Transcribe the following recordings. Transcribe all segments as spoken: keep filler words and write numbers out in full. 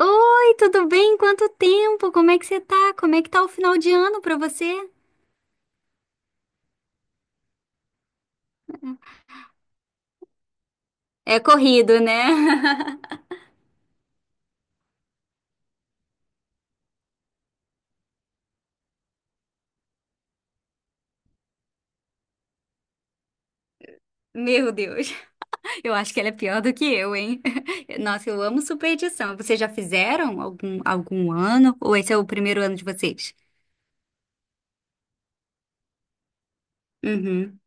Oi, tudo bem? Quanto tempo? Como é que você tá? Como é que tá o final de ano pra você? É corrido, né? Meu Deus, eu acho que ela é pior do que eu, hein? Nossa, eu amo superstição. Vocês já fizeram algum, algum ano? Ou esse é o primeiro ano de vocês? Uhum,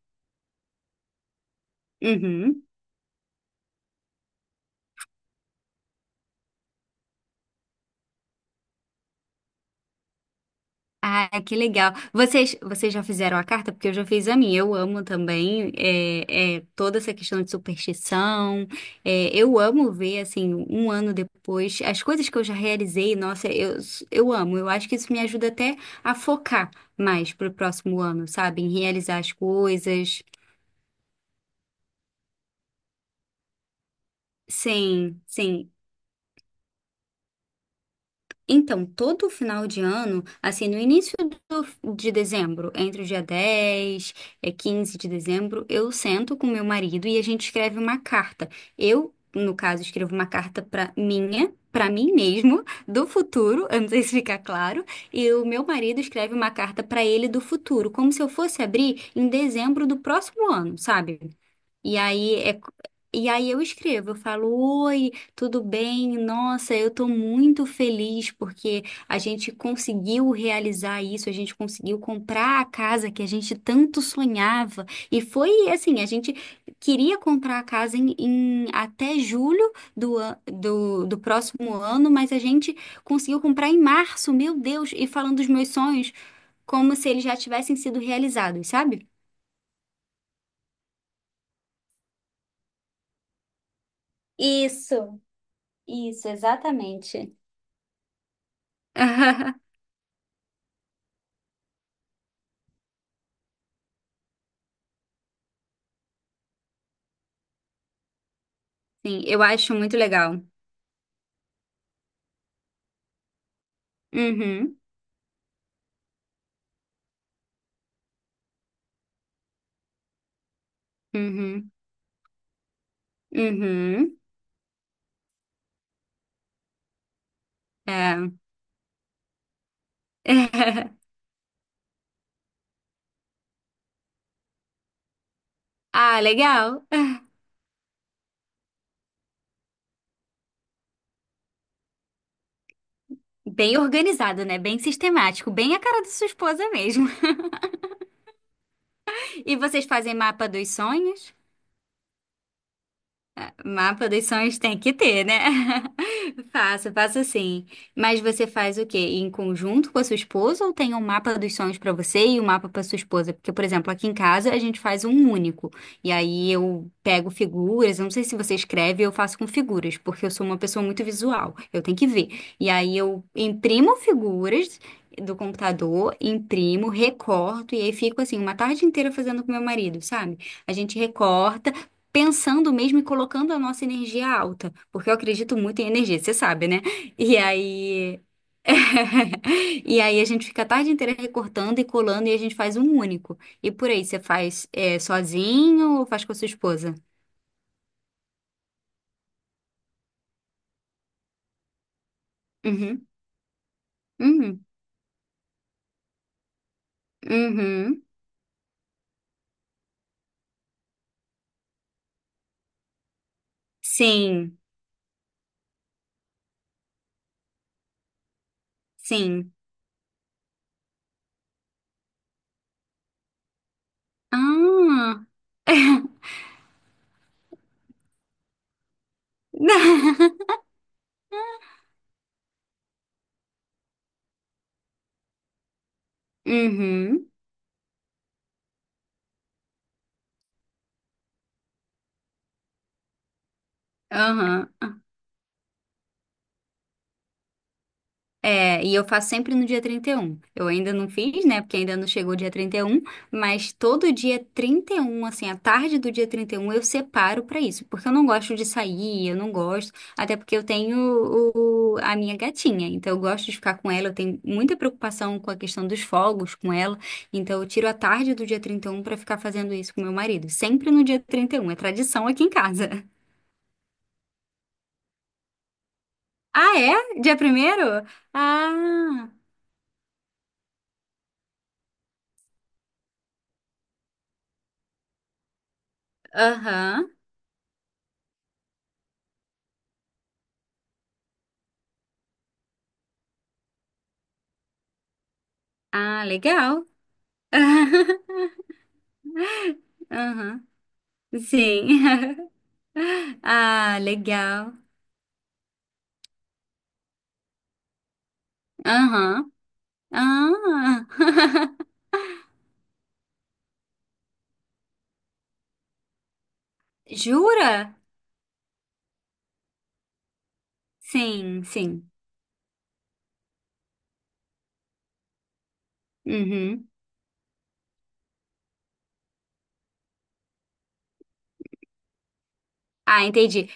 uhum. Ah, que legal. Vocês, vocês já fizeram a carta? Porque eu já fiz a minha. Eu amo também é, é, toda essa questão de superstição. É, eu amo ver, assim, um ano depois, as coisas que eu já realizei. Nossa, eu, eu amo. Eu acho que isso me ajuda até a focar mais pro próximo ano, sabe? Em realizar as coisas. Sim, sim. Então, todo final de ano, assim, no início do- de dezembro, entre o dia dez e quinze de dezembro, eu sento com meu marido e a gente escreve uma carta. Eu, no caso, escrevo uma carta para minha, para mim mesmo, do futuro, eu não sei se fica claro, e o meu marido escreve uma carta para ele do futuro, como se eu fosse abrir em dezembro do próximo ano, sabe? E aí é E aí eu escrevo, eu falo, oi, tudo bem? Nossa, eu tô muito feliz porque a gente conseguiu realizar isso, a gente conseguiu comprar a casa que a gente tanto sonhava. E foi assim, a gente queria comprar a casa em, em até julho do, an- do, do próximo ano, mas a gente conseguiu comprar em março, meu Deus, e falando dos meus sonhos como se eles já tivessem sido realizados, sabe? Isso, isso, exatamente. Sim, eu acho muito legal. Uhum, uhum, uhum. É. Ah, legal. Bem organizado, né? Bem sistemático, bem a cara da sua esposa mesmo. E vocês fazem mapa dos sonhos? Uma produção a gente tem que ter, né? Faço, faço sim. Mas você faz o quê? Em conjunto com a sua esposa ou tem um mapa dos sonhos para você e um mapa para sua esposa? Porque, por exemplo, aqui em casa a gente faz um único. E aí eu pego figuras, eu não sei se você escreve, eu faço com figuras, porque eu sou uma pessoa muito visual. Eu tenho que ver. E aí eu imprimo figuras do computador, imprimo, recorto e aí fico assim uma tarde inteira fazendo com meu marido, sabe? A gente recorta pensando mesmo e colocando a nossa energia alta, porque eu acredito muito em energia, você sabe, né? E aí. E aí a gente fica a tarde inteira recortando e colando e a gente faz um único. E por aí, você faz é, sozinho ou faz com a sua esposa? Uhum, uhum, uhum. Sim, sim. Ah. Uhum, aham. É, e eu faço sempre no dia trinta e um. Eu ainda não fiz, né? Porque ainda não chegou o dia trinta e um. Mas todo dia trinta e um, assim, a tarde do dia trinta e um eu separo pra isso, porque eu não gosto de sair, eu não gosto, até porque eu tenho o- a minha gatinha, então eu gosto de ficar com ela, eu tenho muita preocupação com a questão dos fogos com ela, então eu tiro a tarde do dia trinta e um pra ficar fazendo isso com meu marido, sempre no dia trinta e um. É tradição aqui em casa. Ah, é? Dia primeiro? Ah, aham. Ah, legal. Aham, sim. Ah, legal. Aham. Ah, jura? Sim, sim. Uhum. Ah, entendi.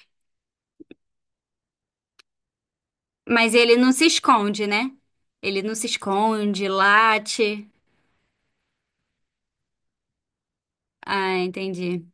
Mas ele não se esconde, né? Ele não se esconde, late. Ah, entendi.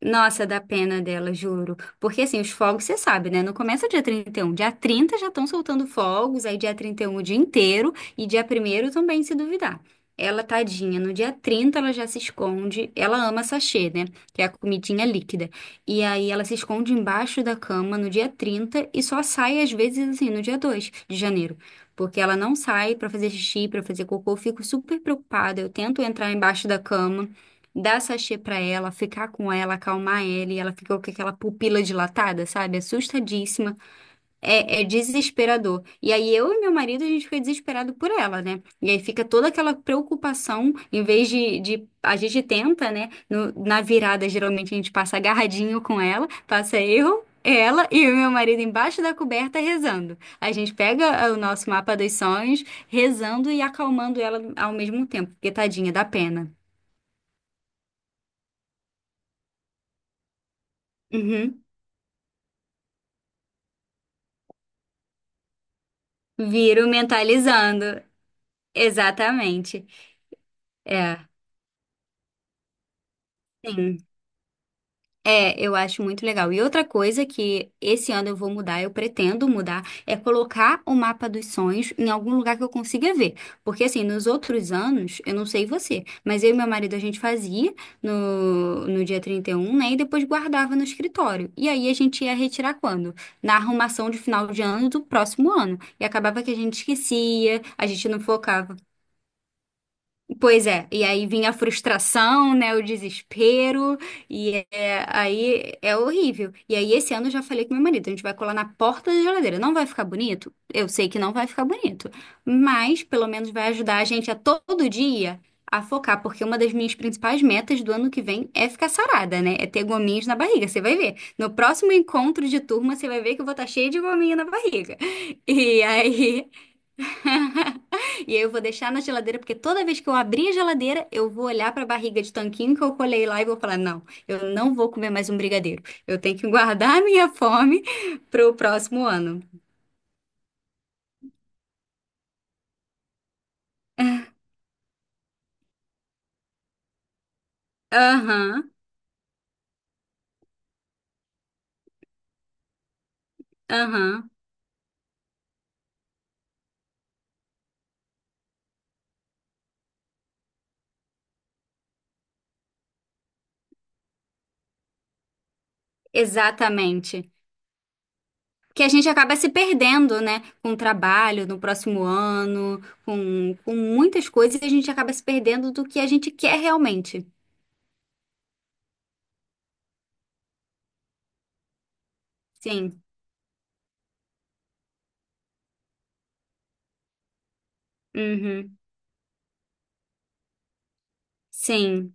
Nossa, dá pena dela, juro. Porque assim, os fogos, você sabe, né? Não começa dia trinta e um, dia trinta já estão soltando fogos, aí dia trinta e um o dia inteiro e dia primeiro também, se duvidar. Ela, tadinha, no dia trinta, ela já se esconde. Ela ama sachê, né? Que é a comidinha líquida. E aí ela se esconde embaixo da cama no dia trinta e só sai às vezes assim no dia dois de janeiro. Porque ela não sai pra fazer xixi, pra fazer cocô. Eu fico super preocupada. Eu tento entrar embaixo da cama dar sachê pra ela, ficar com ela, acalmar ela, e ela ficou com aquela pupila dilatada, sabe? Assustadíssima. É, é desesperador. E aí eu e meu marido, a gente fica desesperado por ela, né? E aí fica toda aquela preocupação, em vez de, de a gente tenta, né? No- na virada, geralmente a gente passa agarradinho com ela, passa eu. Ela e o meu marido embaixo da coberta rezando. A gente pega ah, o nosso mapa dos sonhos, rezando e acalmando ela ao mesmo tempo, porque tadinha, dá pena. Uhum. Viro mentalizando. Exatamente. É, sim. É, eu acho muito legal. E outra coisa que esse ano eu vou mudar, eu pretendo mudar, é colocar o mapa dos sonhos em algum lugar que eu consiga ver. Porque assim, nos outros anos, eu não sei você, mas eu e meu marido a gente fazia no, no dia trinta e um, né? E depois guardava no escritório. E aí a gente ia retirar quando? Na arrumação de final de ano do próximo ano. E acabava que a gente esquecia, a gente não focava. Pois é, e aí vinha a frustração, né, o desespero, e é- aí é horrível. E aí esse ano eu já falei com meu marido, a gente vai colar na porta da geladeira. Não vai ficar bonito? Eu sei que não vai ficar bonito, mas pelo menos vai ajudar a gente a todo dia a focar, porque uma das minhas principais metas do ano que vem é ficar sarada, né? É ter gominhos na barriga, você vai ver. No próximo encontro de turma, você vai ver que eu vou estar cheia de gominho na barriga. E aí E aí eu vou deixar na geladeira, porque toda vez que eu abrir a geladeira, eu vou olhar para a barriga de tanquinho que eu colei lá e vou falar: não, eu não vou comer mais um brigadeiro. Eu tenho que guardar a minha fome para o próximo ano. Aham, aham, exatamente. Que a gente acaba se perdendo, né? Com o trabalho no próximo ano, com, com muitas coisas, a gente acaba se perdendo do que a gente quer realmente. Sim, uhum, sim.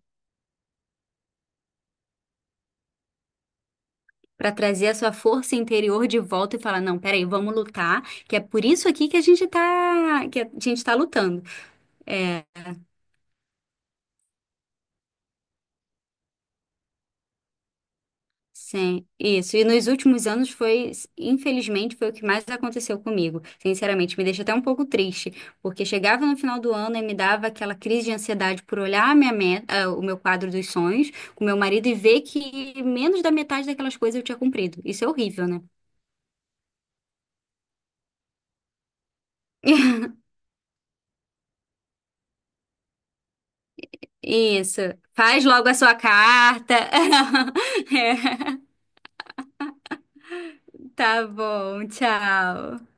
Pra trazer a sua força interior de volta e falar, não, peraí, vamos lutar, que é por isso aqui que a gente tá, que a gente tá lutando. É, sim, isso. E nos últimos anos foi, infelizmente, foi o que mais aconteceu comigo. Sinceramente, me deixa até um pouco triste, porque chegava no final do ano e me dava aquela crise de ansiedade por olhar a minha meta, ah, o meu quadro dos sonhos com meu marido e ver que menos da metade daquelas coisas eu tinha cumprido. Isso é horrível, né? Isso. Faz logo a sua carta. É. Tá bom, tchau.